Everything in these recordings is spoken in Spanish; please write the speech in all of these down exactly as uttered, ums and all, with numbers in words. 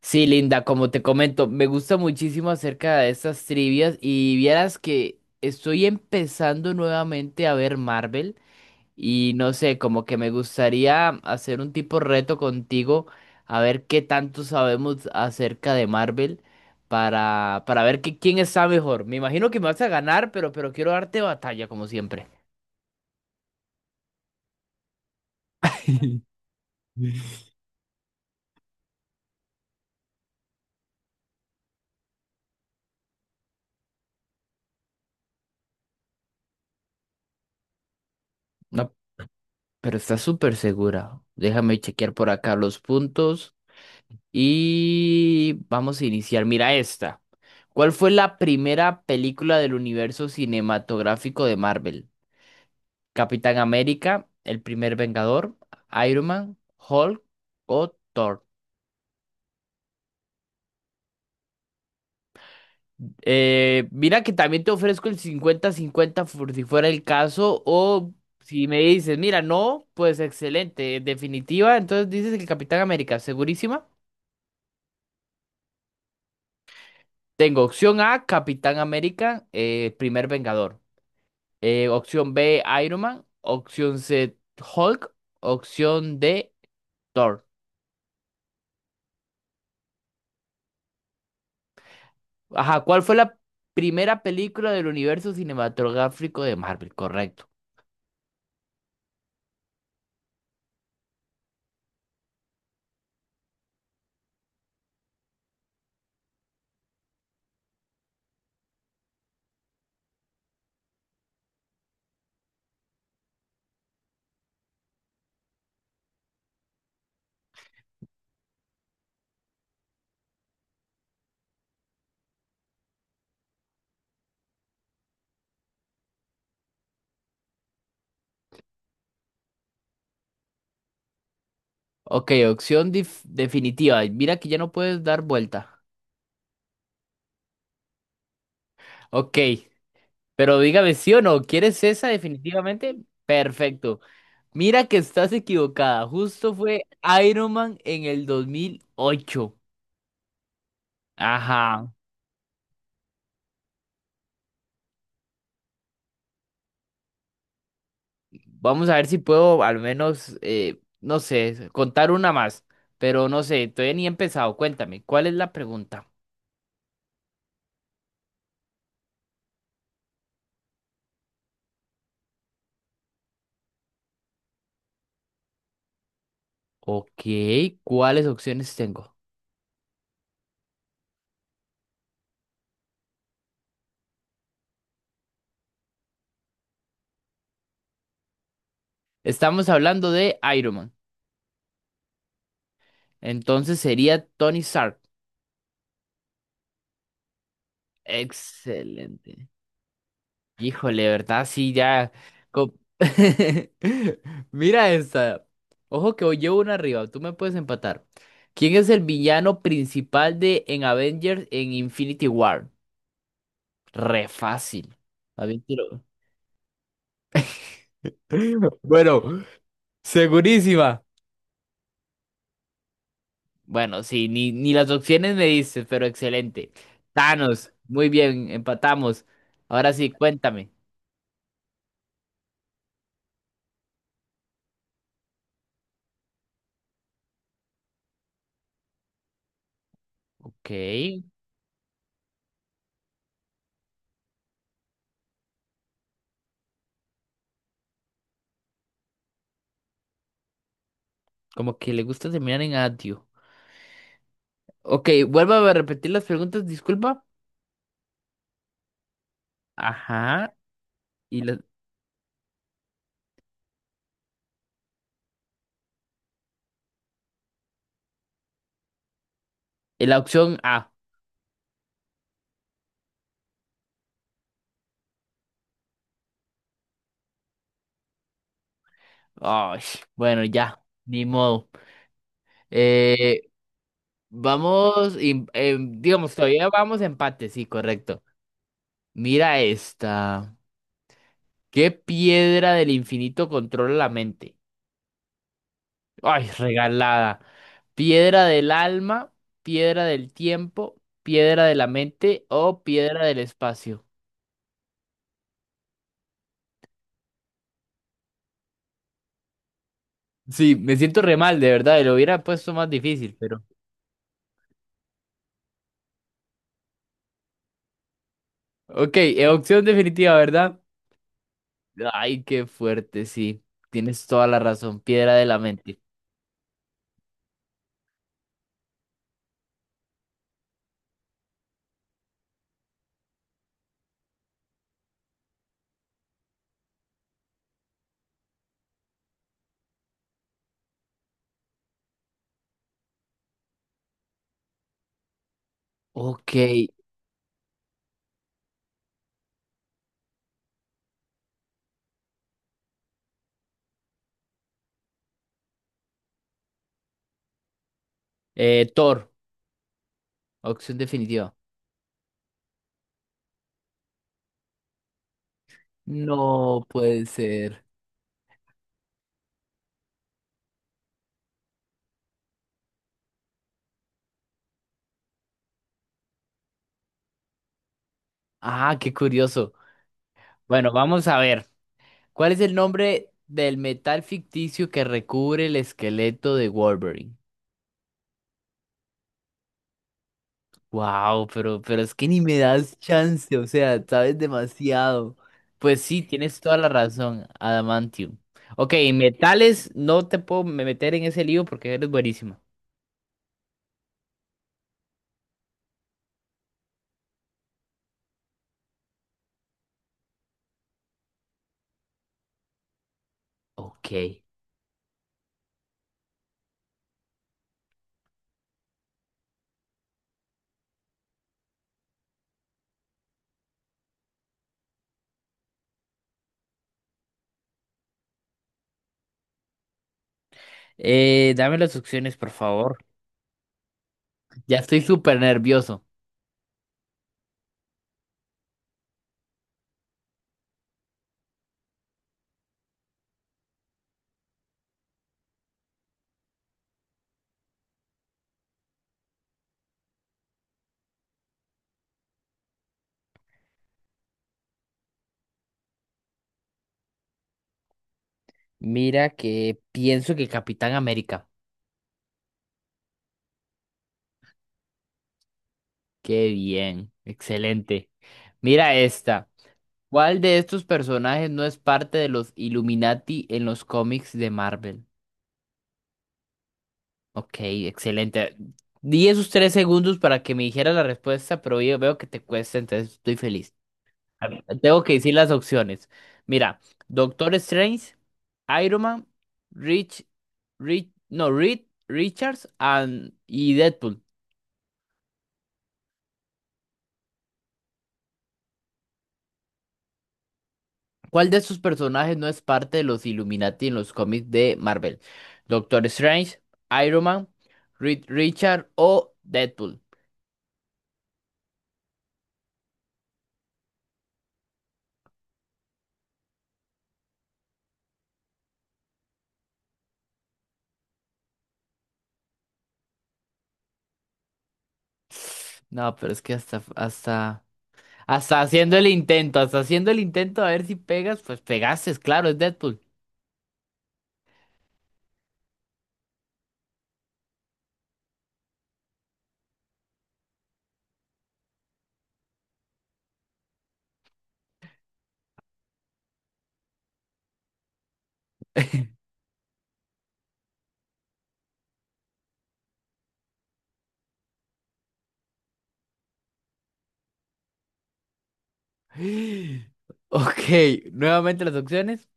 Sí, Linda, como te comento, me gusta muchísimo acerca de estas trivias y vieras que estoy empezando nuevamente a ver Marvel y no sé, como que me gustaría hacer un tipo reto contigo a ver qué tanto sabemos acerca de Marvel para, para ver que- quién está mejor. Me imagino que me vas a ganar, pero, pero quiero darte batalla como siempre. No, pero estás súper segura. Déjame chequear por acá los puntos. Y vamos a iniciar. Mira esta. ¿Cuál fue la primera película del universo cinematográfico de Marvel? ¿Capitán América, El primer Vengador, Iron Man, Hulk o Thor? Eh, mira que también te ofrezco el cincuenta-cincuenta, por si fuera el caso o si me dices, mira, no, pues excelente, definitiva, entonces dices el Capitán América, ¿segurísima? Tengo opción A, Capitán América, eh, primer Vengador. Eh, opción B, Iron Man. Opción C, Hulk. Opción D, Thor. Ajá, ¿cuál fue la primera película del universo cinematográfico de Marvel? Correcto. Ok, opción dif- definitiva. Mira que ya no puedes dar vuelta. Ok, pero dígame sí o no, ¿quieres esa definitivamente? Perfecto. Mira que estás equivocada. Justo fue Iron Man en el dos mil ocho. Ajá. Vamos a ver si puedo al menos, eh, no sé, contar una más. Pero no sé, todavía ni he empezado. Cuéntame, ¿cuál es la pregunta? Ok, ¿cuáles opciones tengo? Estamos hablando de Iron Man. Entonces sería Tony Stark. Excelente. Híjole, de ¿verdad? Sí, ya. co- Mira esta. Ojo que hoy llevo una arriba. Tú me puedes empatar. ¿Quién es el villano principal de en Avengers en Infinity War? Re fácil. Más bien tiro- Bueno, segurísima. Bueno, sí, ni, ni las opciones me dices, pero excelente. Thanos, muy bien, empatamos. Ahora sí, cuéntame. Ok, como que le gusta terminar en adio. Ok, vuelvo a repetir las preguntas, disculpa. Ajá, y la, y la opción A. Ay, bueno, ya, ni modo. Eh, vamos, y- em, digamos, todavía vamos a empate, sí, correcto. Mira esta. ¿Qué piedra del infinito controla la mente? Ay, regalada. Piedra del alma, piedra del tiempo, piedra de la mente o piedra del espacio. Sí, me siento re mal, de verdad. Lo hubiera puesto más difícil, pero. Ok, eh, opción definitiva, ¿verdad? Ay, qué fuerte, sí. Tienes toda la razón. Piedra de la mente. Ok. Eh, Thor, opción definitiva. No puede ser. Ah, qué curioso. Bueno, vamos a ver. ¿Cuál es el nombre del metal ficticio que recubre el esqueleto de Wolverine? Wow, pero, pero es que ni me das chance, o sea, sabes demasiado. Pues sí, tienes toda la razón, adamantium. Ok, metales, no te puedo me- meter en ese lío porque eres buenísima. Ok. Eh, dame las opciones, por favor. Ya estoy súper nervioso. Mira que pienso que Capitán América. Qué bien, excelente. Mira esta. ¿Cuál de estos personajes no es parte de los Illuminati en los cómics de Marvel? Ok, excelente. Di esos tres segundos para que me dijera la respuesta, pero yo veo que te cuesta, entonces estoy feliz. A ver, Tengo que decir las opciones. Mira, Doctor Strange, Iron Man, Rich, Rich, no, Reed, Richards and, y Deadpool. ¿Cuál de estos personajes no es parte de los Illuminati en los cómics de Marvel? Doctor Strange, Iron Man, Reed Richard o Deadpool. No, pero es que hasta, hasta, hasta haciendo el intento, hasta haciendo el intento a ver si pegas, pues pegaste, claro, es Deadpool. Ok, nuevamente las opciones.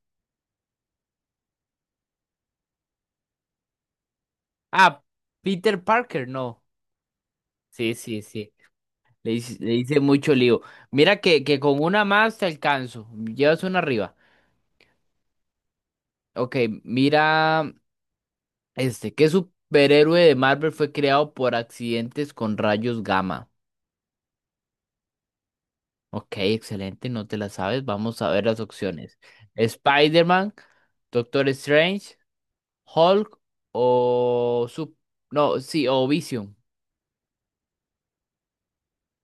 Ah, Peter Parker, no. Sí, sí, sí. Le hice, le hice mucho lío. Mira que, que con una más te alcanzo. Llevas una arriba. Ok, mira. Este, ¿qué superhéroe de Marvel fue creado por accidentes con rayos gamma? Ok, excelente, no te la sabes. Vamos a ver las opciones. Spider-Man, Doctor Strange, Hulk o Sup- no, sí, o Vision.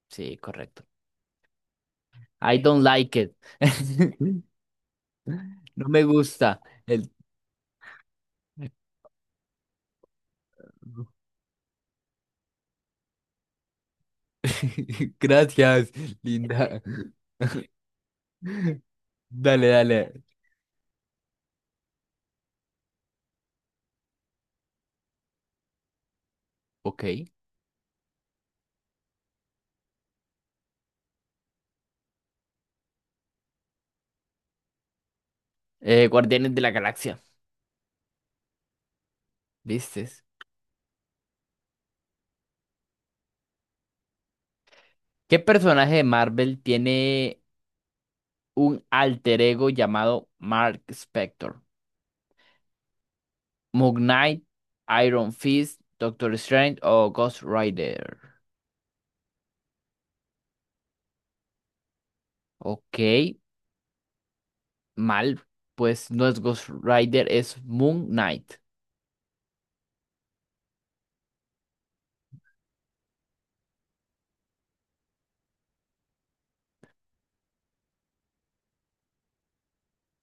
Sí, correcto. I don't like it. No me gusta. El... Gracias, linda. Dale, dale. Ok. Eh, Guardianes de la Galaxia. ¿Viste? ¿Qué personaje de Marvel tiene un alter ego llamado Mark Spector? ¿Moon Knight, Iron Fist, Doctor Strange o Ghost Rider? Ok, mal, pues no es Ghost Rider, es Moon Knight.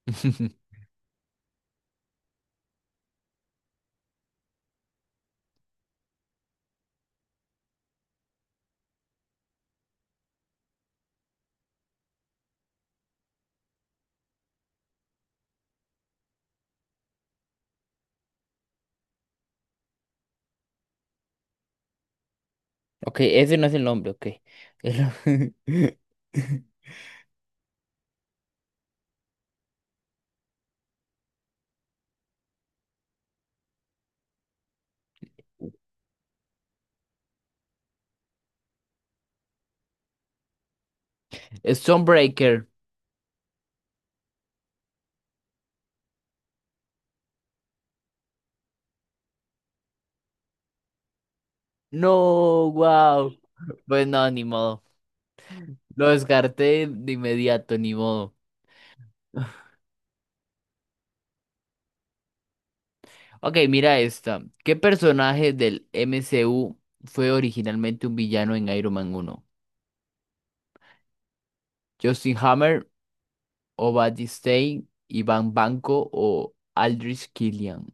Ok, ese no es el nombre, ok. El- Es Stormbreaker. No, wow. Pues no, ni modo. Lo descarté de inmediato, ni modo. Ok, mira esta. ¿Qué personaje del M C U fue originalmente un villano en Iron Man uno? ¿Justin Hammer, Obadiah Stane, Ivan Banco o Aldrich Killian?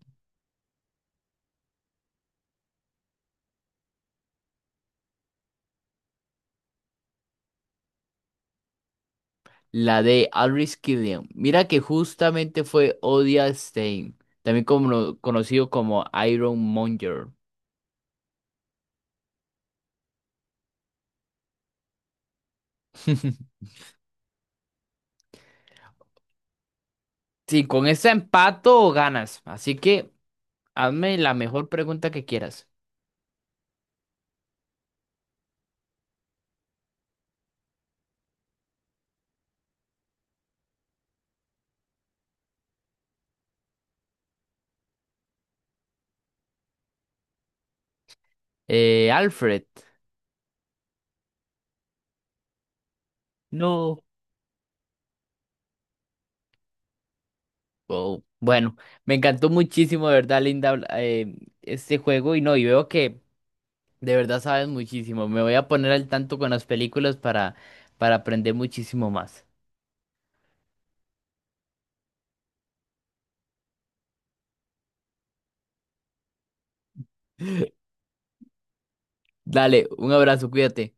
La de Aldrich Killian. Mira que justamente fue Odia Stein, también como- conocido como Iron Monger. Sí, con este empato ganas. Así que hazme la mejor pregunta que quieras. Eh, Alfred. No. Oh, bueno, me encantó muchísimo, de verdad, Linda, habl- eh, este juego y no, y veo que de verdad sabes muchísimo. Me voy a poner al tanto con las películas para, para aprender muchísimo más. Dale, un abrazo, cuídate.